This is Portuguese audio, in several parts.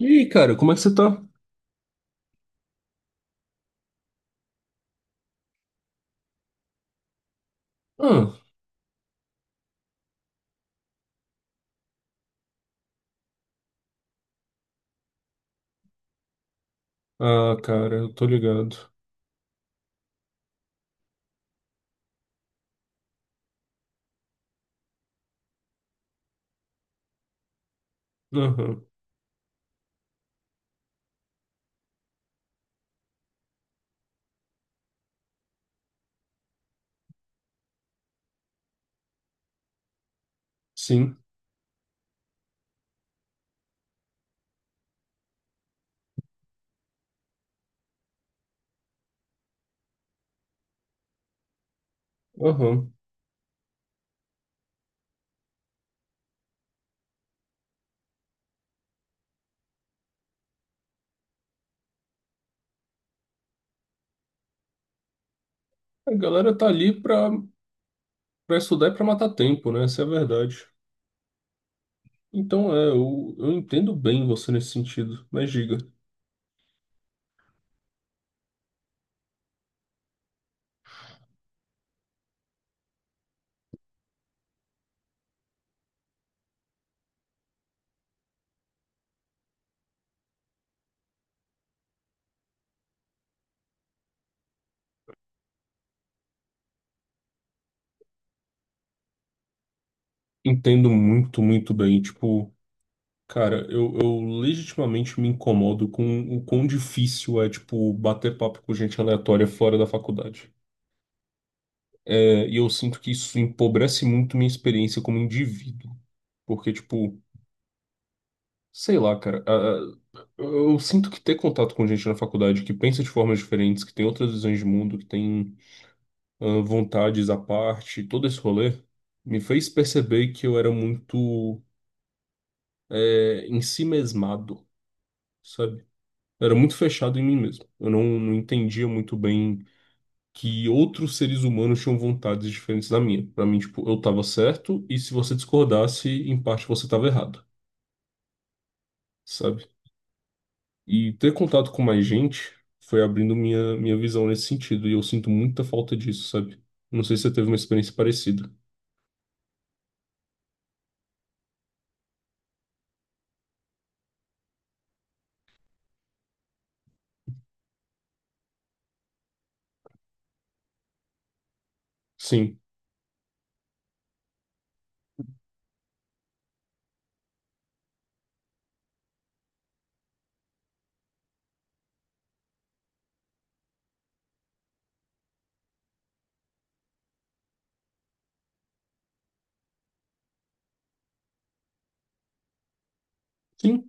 E aí, cara, como é que você tá? Ah, Cara, eu tô ligado. Aham. Sim, aham. A galera tá ali pra, pra estudar e pra matar tempo, né? Essa é a verdade. Então, eu entendo bem você nesse sentido, mas diga. Entendo muito, muito bem. Tipo, cara, eu legitimamente me incomodo com o quão difícil é, tipo, bater papo com gente aleatória fora da faculdade. É, e eu sinto que isso empobrece muito minha experiência como indivíduo. Porque, tipo, sei lá, cara. Ah, eu sinto que ter contato com gente na faculdade que pensa de formas diferentes, que tem outras visões de mundo, que tem ah, vontades à parte, todo esse rolê, me fez perceber que eu era muito em si mesmado, sabe? Eu era muito fechado em mim mesmo. Eu não entendia muito bem que outros seres humanos tinham vontades diferentes da minha. Pra mim, tipo, eu tava certo e se você discordasse, em parte você tava errado, sabe? E ter contato com mais gente foi abrindo minha, minha visão nesse sentido, e eu sinto muita falta disso, sabe? Não sei se você teve uma experiência parecida. Sim. Sim.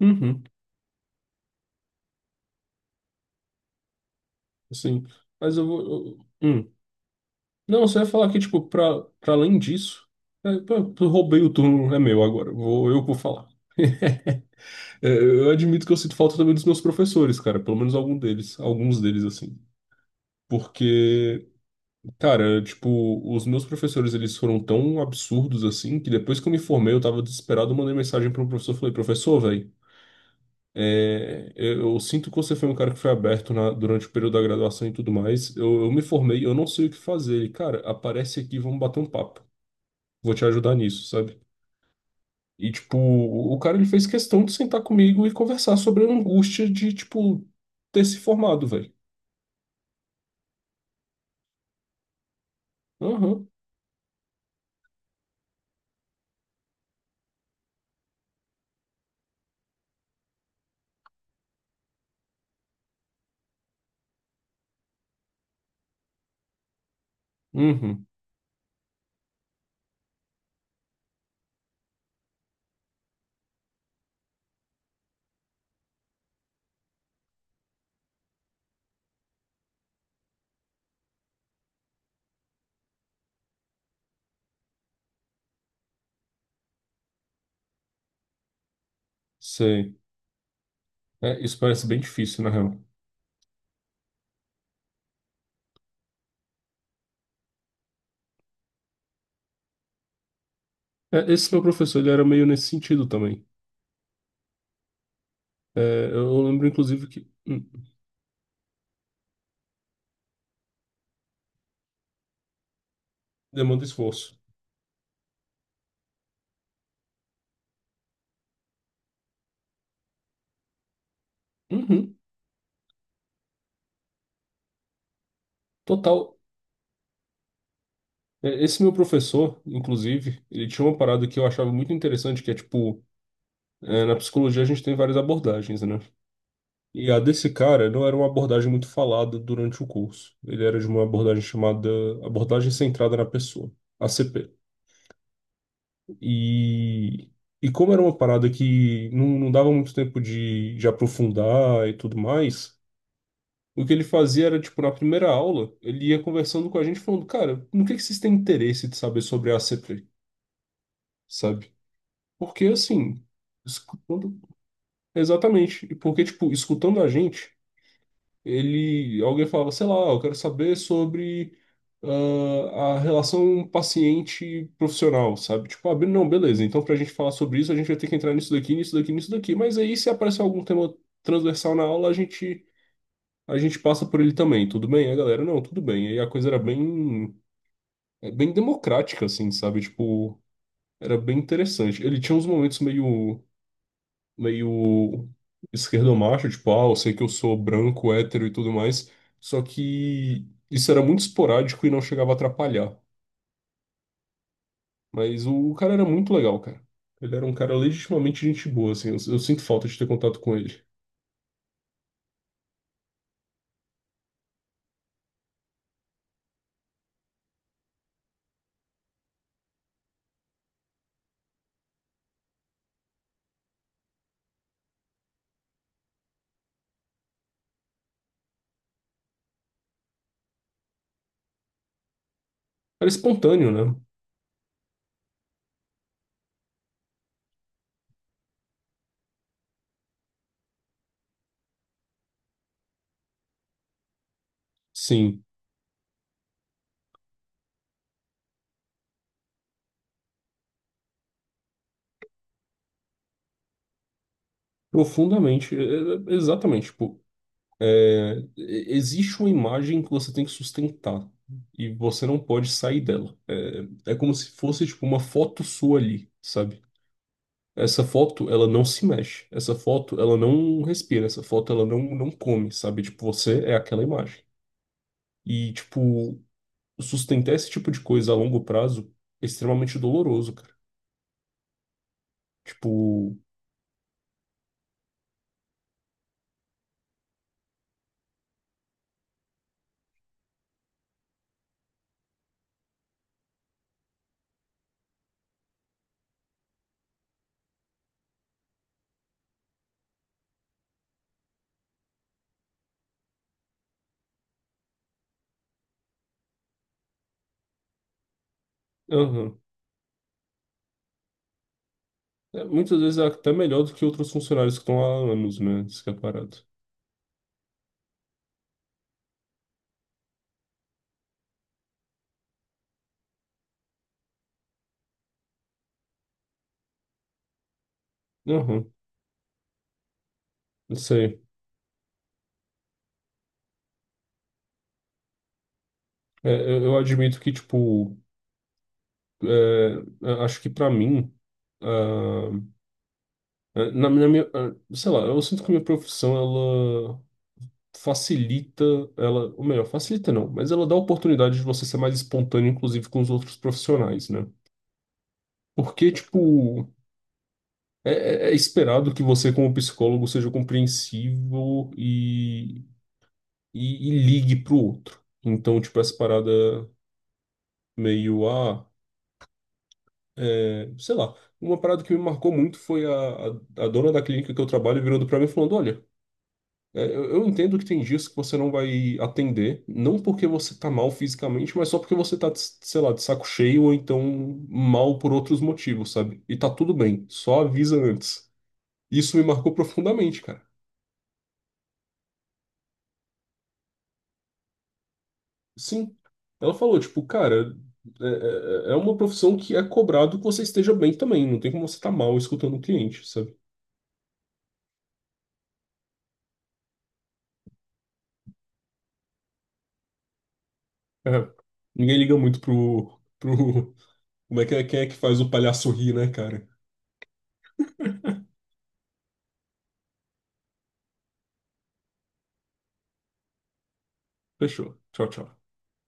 Uhum. Sim. Mas eu vou. Não, você ia falar que, tipo, pra, pra além disso. É, pô, eu roubei o turno, é meu agora. Eu vou falar. É, eu admito que eu sinto falta também dos meus professores, cara. Pelo menos algum deles. Alguns deles, assim. Porque. Cara, tipo, os meus professores, eles foram tão absurdos assim, que depois que eu me formei, eu tava desesperado, eu mandei mensagem para um professor, falei, professor, velho, eu sinto que você foi um cara que foi aberto na- durante o período da graduação e tudo mais, eu me formei, eu não sei o que fazer, ele, cara, aparece aqui, vamos bater um papo, vou te ajudar nisso, sabe? E, tipo, o cara, ele fez questão de sentar comigo e conversar sobre a angústia de, tipo, ter se formado, velho. Aham. Uhum. Sei. É, isso parece bem difícil, na real. É, esse meu professor, ele era meio nesse sentido também. É, eu lembro, inclusive, que demanda esforço. Uhum. Total. É, esse meu professor, inclusive, ele tinha uma parada que eu achava muito interessante, que é tipo, é, na psicologia a gente tem várias abordagens, né? E a desse cara não era uma abordagem muito falada durante o curso. Ele era de uma abordagem chamada abordagem centrada na pessoa, ACP. E, e como era uma parada que não dava muito tempo de aprofundar e tudo mais. O que ele fazia era, tipo, na primeira aula, ele ia conversando com a gente, falando, cara, no que vocês têm interesse de saber sobre a ACP, sabe? Porque, assim, escutando... Exatamente. E porque, tipo, escutando a gente, ele... Alguém falava, sei lá, eu quero saber sobre ah, a relação paciente-profissional, sabe? Tipo, abrindo, não, beleza, então pra gente falar sobre isso, a gente vai ter que entrar nisso daqui, nisso daqui, nisso daqui. Mas aí, se aparecer algum tema transversal na aula, a gente passa por ele também, tudo bem? A galera, não, tudo bem. Aí a coisa era bem, é, bem democrática, assim, sabe? Tipo, era bem interessante. Ele tinha uns momentos meio, meio esquerdomacho, tipo, ah, eu sei que eu sou branco, hétero e tudo mais, só que isso era muito esporádico e não chegava a atrapalhar. Mas o cara era muito legal, cara. Ele era um cara legitimamente gente boa, assim, eu sinto falta de ter contato com ele. Era espontâneo, né? Sim, profundamente, exatamente, tipo, é, existe uma imagem que você tem que sustentar e você não pode sair dela. É, é como se fosse tipo uma foto sua ali, sabe? Essa foto, ela não se mexe. Essa foto, ela não respira. Essa foto, ela não come, sabe? Tipo, você é aquela imagem. E, tipo, sustentar esse tipo de coisa a longo prazo é extremamente doloroso, cara. Tipo, aham. É, muitas vezes é até melhor do que outros funcionários que estão há anos, né? Isso que é parado. Aham, isso aí. É, eu admito que, tipo, é, a- acho que pra mim, ah, é, na, na minha, ah, sei lá, eu sinto que a minha profissão, ela facilita, ela, ou melhor, facilita não, mas ela dá a oportunidade de você ser mais espontâneo, inclusive com os outros profissionais, né? Porque, tipo, é, é esperado que você, como psicólogo, seja compreensivo e, e ligue pro outro. Então, tipo, essa parada meio, ah. É, sei lá, uma parada que me marcou muito foi a, a dona da clínica que eu trabalho virando pra mim e falando: olha, é, eu entendo que tem dias que você não vai atender, não porque você tá mal fisicamente, mas só porque você tá, de- sei lá, de saco cheio ou então mal por outros motivos, sabe? E tá tudo bem, só avisa antes. Isso me marcou profundamente, cara. Sim, ela falou: tipo, cara, é, é uma profissão que é cobrado que você esteja bem também, não tem como você tá mal escutando o cliente, sabe? É, ninguém liga muito pro, pro. Como é que é? Quem é que faz o palhaço rir, né, cara? Fechou. Tchau, tchau.